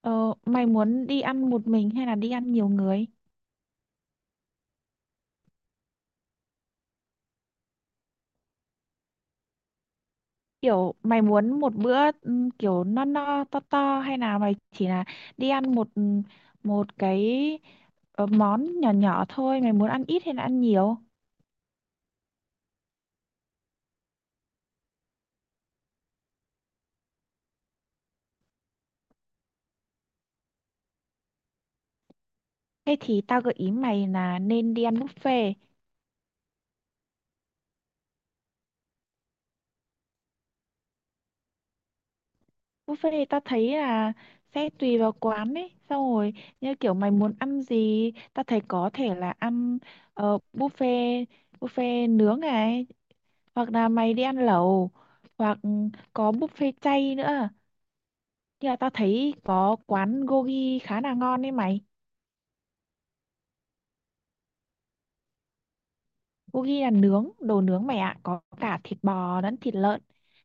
Ờ, mày muốn đi ăn một mình hay là đi ăn nhiều người? Kiểu mày muốn một bữa kiểu no no to to, hay là mày chỉ là đi ăn một một cái món nhỏ nhỏ thôi, mày muốn ăn ít hay là ăn nhiều? Thế thì tao gợi ý mày là nên đi ăn buffet. Buffet thì tao thấy là sẽ tùy vào quán ấy, xong rồi như kiểu mày muốn ăn gì, tao thấy có thể là ăn ờ, buffet buffet nướng này, hoặc là mày đi ăn lẩu, hoặc có buffet chay nữa, nhưng mà tao thấy có quán gogi khá là ngon đấy mày. Gogi là nướng, đồ nướng mày ạ, có cả thịt bò lẫn thịt lợn,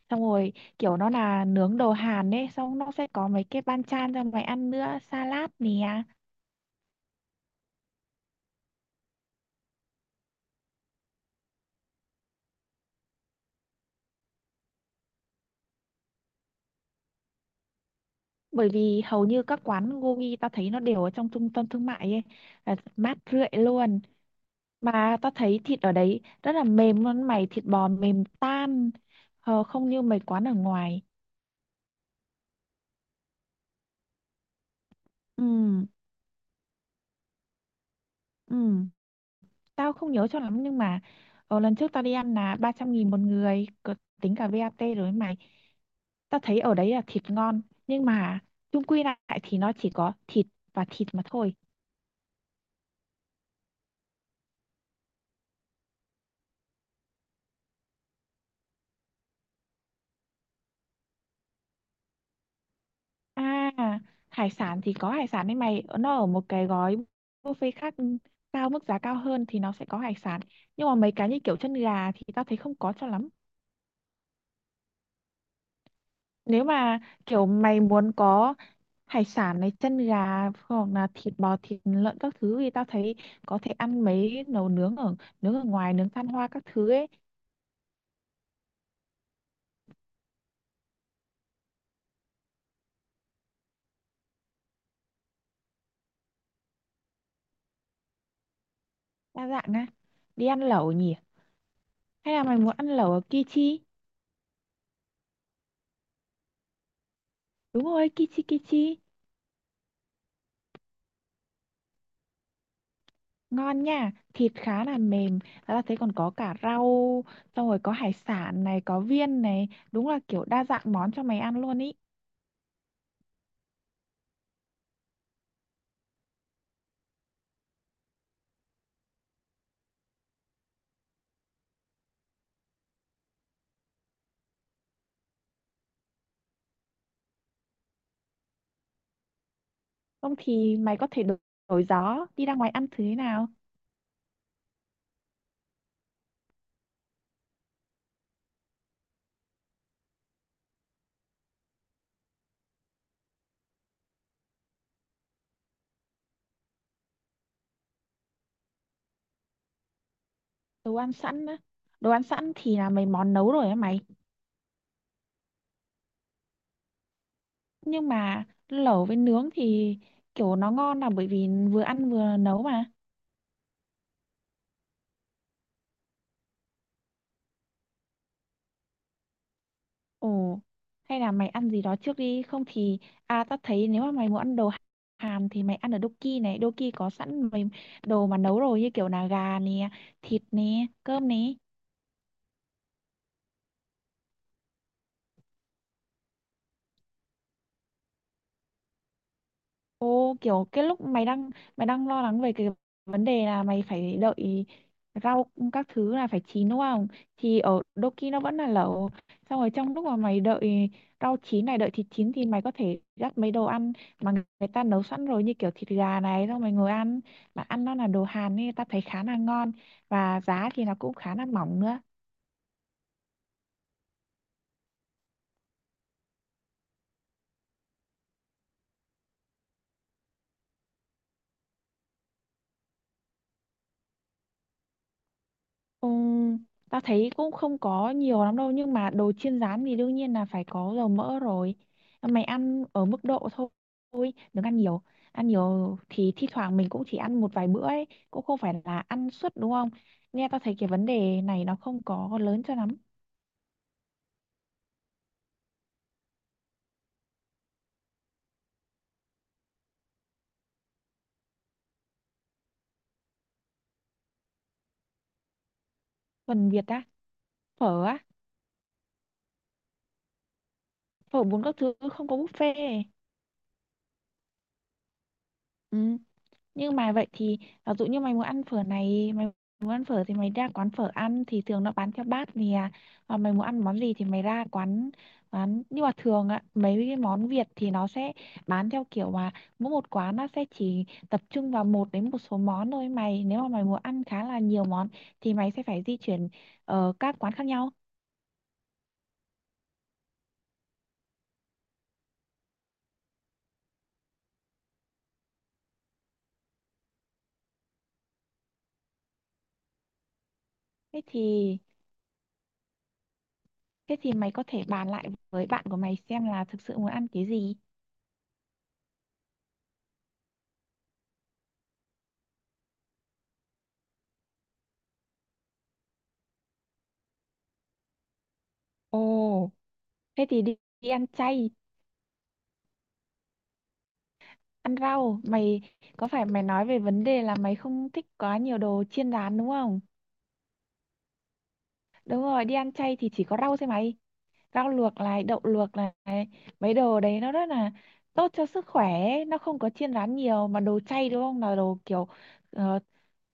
xong rồi kiểu nó là nướng đồ Hàn ấy, xong nó sẽ có mấy cái banchan cho mày ăn nữa, salad nè. Bởi vì hầu như các quán gogi tao thấy nó đều ở trong trung tâm thương mại ấy, là mát rượi luôn. Mà tao thấy thịt ở đấy rất là mềm luôn mày, thịt bò mềm tan. Ờ, không như mấy quán ở ngoài. Ừ, ừ, tao không nhớ cho lắm, nhưng mà lần trước tao đi ăn là 300.000 một người. Tính cả VAT rồi ấy mày. Tao thấy ở đấy là thịt ngon, nhưng mà chung quy lại thì nó chỉ có thịt và thịt mà thôi. À, hải sản thì có hải sản đấy mày, nó ở một cái gói buffet khác, mức giá cao hơn thì nó sẽ có hải sản. Nhưng mà mấy cái như kiểu chân gà thì tao thấy không có cho lắm. Nếu mà kiểu mày muốn có hải sản này, chân gà, hoặc là thịt bò, thịt lợn các thứ, thì tao thấy có thể ăn mấy nấu nướng ở ngoài, nướng than hoa các thứ ấy. Đa dạng á? Đi ăn lẩu nhỉ, hay là mày muốn ăn lẩu ở Kichi? Đúng rồi, Kichi Kichi. Ngon nha, thịt khá là mềm, và tao thấy còn có cả rau, xong rồi có hải sản này, có viên này, đúng là kiểu đa dạng món cho mày ăn luôn ý. Không thì mày có thể đổi đổi gió đi ra ngoài ăn thứ thế nào. Đồ ăn sẵn á? Đồ ăn sẵn thì là mấy món nấu rồi á mày. Nhưng mà lẩu với nướng thì kiểu nó ngon là bởi vì vừa ăn vừa nấu mà. Ồ, hay là mày ăn gì đó trước đi? Không thì tao thấy nếu mà mày muốn ăn đồ Hàn thì mày ăn ở Doki này, Doki có sẵn mấy đồ mà nấu rồi, như kiểu là gà nè, thịt nè, cơm nè. Ô, kiểu cái lúc mày đang lo lắng về cái vấn đề là mày phải đợi rau các thứ là phải chín đúng không? Thì ở Doki nó vẫn là lẩu. Xong rồi trong lúc mà mày đợi rau chín này, đợi thịt chín, thì mày có thể dắt mấy đồ ăn mà người ta nấu sẵn rồi, như kiểu thịt gà này, xong mày ngồi ăn. Mà ăn nó là đồ Hàn nên ta thấy khá là ngon, và giá thì nó cũng khá là mỏng nữa. Ừm, Tao thấy cũng không có nhiều lắm đâu, nhưng mà đồ chiên rán thì đương nhiên là phải có dầu mỡ rồi. Mày ăn ở mức độ thôi, đừng ăn nhiều. Ăn nhiều thì thi thoảng mình cũng chỉ ăn một vài bữa ấy, cũng không phải là ăn suốt đúng không? Nghe tao thấy cái vấn đề này nó không có lớn cho lắm. Phần Việt á? Phở á? Phở bún các thứ không có buffet. Ừ, nhưng mà vậy thì ví dụ như mày muốn ăn phở này, mày muốn ăn phở thì mày ra quán phở ăn thì thường nó bán theo bát nè. Và mày muốn ăn món gì thì mày ra quán quán, nhưng mà thường á, mấy cái món Việt thì nó sẽ bán theo kiểu mà mỗi một quán nó sẽ chỉ tập trung vào một đến một số món thôi mày. Nếu mà mày muốn ăn khá là nhiều món thì mày sẽ phải di chuyển ở các quán khác nhau. Thế thì thế thì mày có thể bàn lại với bạn của mày xem là thực sự muốn ăn cái gì. Ồ, thế thì đi ăn chay. Ăn rau mày, có phải mày nói về vấn đề là mày không thích quá nhiều đồ chiên rán đúng không? Đúng rồi, đi ăn chay thì chỉ có rau thôi mày, rau luộc này, đậu luộc này, mấy đồ đấy nó rất là tốt cho sức khỏe ấy. Nó không có chiên rán nhiều, mà đồ chay đúng không, là đồ kiểu ờ,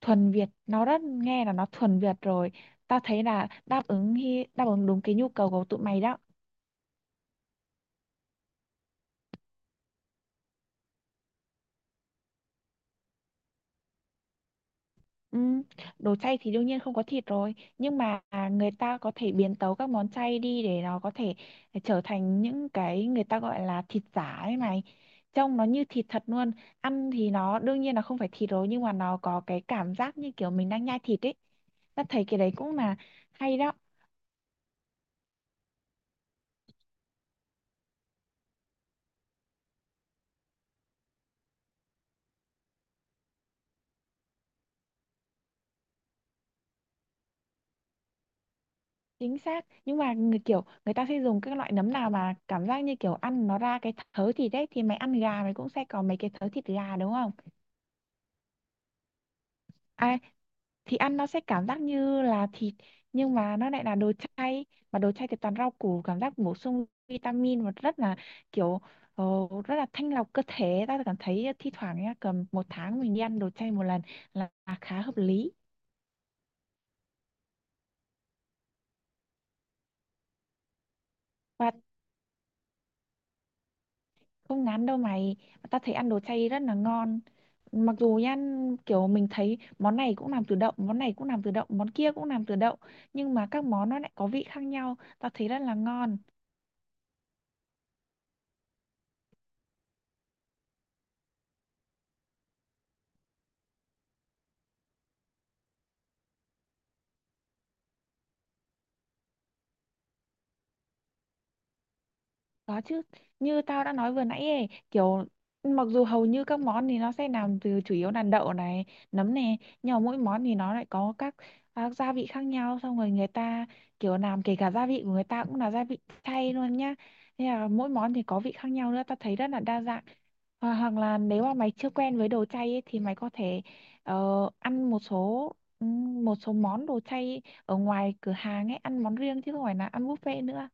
thuần Việt. Nó rất Nghe là nó thuần Việt rồi. Tao thấy là đáp ứng đúng cái nhu cầu của tụi mày đó. Ừ, đồ chay thì đương nhiên không có thịt rồi, nhưng mà người ta có thể biến tấu các món chay đi để nó có thể trở thành những cái người ta gọi là thịt giả ấy mày, trông nó như thịt thật luôn. Ăn thì nó đương nhiên là không phải thịt rồi, nhưng mà nó có cái cảm giác như kiểu mình đang nhai thịt ấy. Ta thấy cái đấy cũng là hay đó. Chính xác, nhưng mà người kiểu người ta sẽ dùng các loại nấm nào mà cảm giác như kiểu ăn nó ra cái thớ thịt đấy, thì mày ăn gà mày cũng sẽ có mấy cái thớ thịt gà đúng không? Ai thì ăn nó sẽ cảm giác như là thịt, nhưng mà nó lại là đồ chay. Mà đồ chay thì toàn rau củ, cảm giác bổ sung vitamin, và rất là kiểu ờ, rất là thanh lọc cơ thể. Ta cảm thấy thi thoảng nhá, cầm một tháng mình đi ăn đồ chay một lần là khá hợp lý. Và không ngán đâu mày, ta thấy ăn đồ chay rất là ngon. Mặc dù nha, kiểu mình thấy món này cũng làm từ đậu, món này cũng làm từ đậu, món kia cũng làm từ đậu, nhưng mà các món nó lại có vị khác nhau, ta thấy rất là ngon. Có chứ, như tao đã nói vừa nãy ấy, kiểu mặc dù hầu như các món thì nó sẽ làm từ chủ yếu là đậu này, nấm này, nhưng mà mỗi món thì nó lại có các gia vị khác nhau, xong rồi người ta kiểu làm kể cả gia vị của người ta cũng là gia vị chay luôn nhá. Nên là mỗi món thì có vị khác nhau nữa, tao thấy rất là đa dạng. Hoặc là nếu mà mày chưa quen với đồ chay ấy, thì mày có thể ăn một số món đồ chay ở ngoài cửa hàng ấy, ăn món riêng chứ không phải là ăn buffet nữa.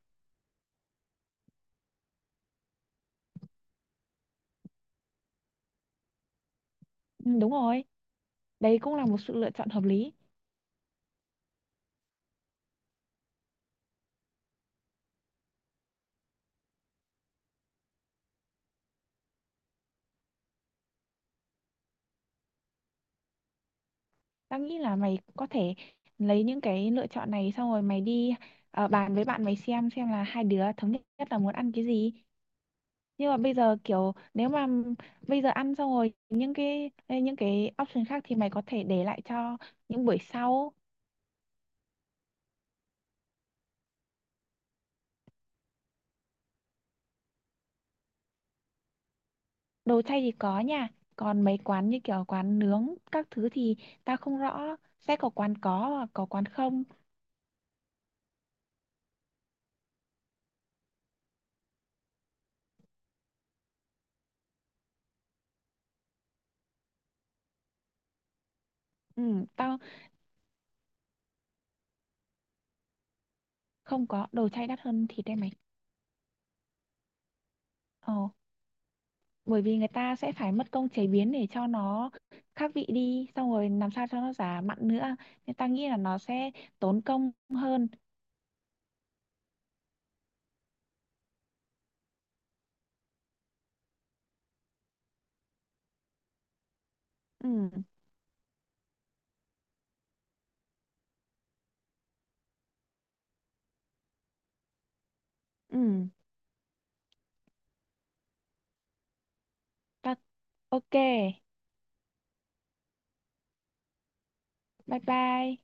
Ừ, đúng rồi. Đấy cũng là một sự lựa chọn hợp lý. Tao nghĩ là mày có thể lấy những cái lựa chọn này, xong rồi mày đi bàn với bạn mày xem là hai đứa thống nhất là muốn ăn cái gì. Nhưng mà bây giờ kiểu nếu mà bây giờ ăn xong rồi những cái option khác thì mày có thể để lại cho những buổi sau. Đồ chay thì có nha, còn mấy quán như kiểu quán nướng các thứ thì tao không rõ, sẽ có quán có và có quán không. Ừ, tao không, có đồ chay đắt hơn thịt đây mày. Ờ, bởi vì người ta sẽ phải mất công chế biến để cho nó khác vị đi, xong rồi làm sao cho nó giả mặn nữa, nên ta nghĩ là nó sẽ tốn công hơn. Ừ. Ừ. Ta. OK. Bye bye.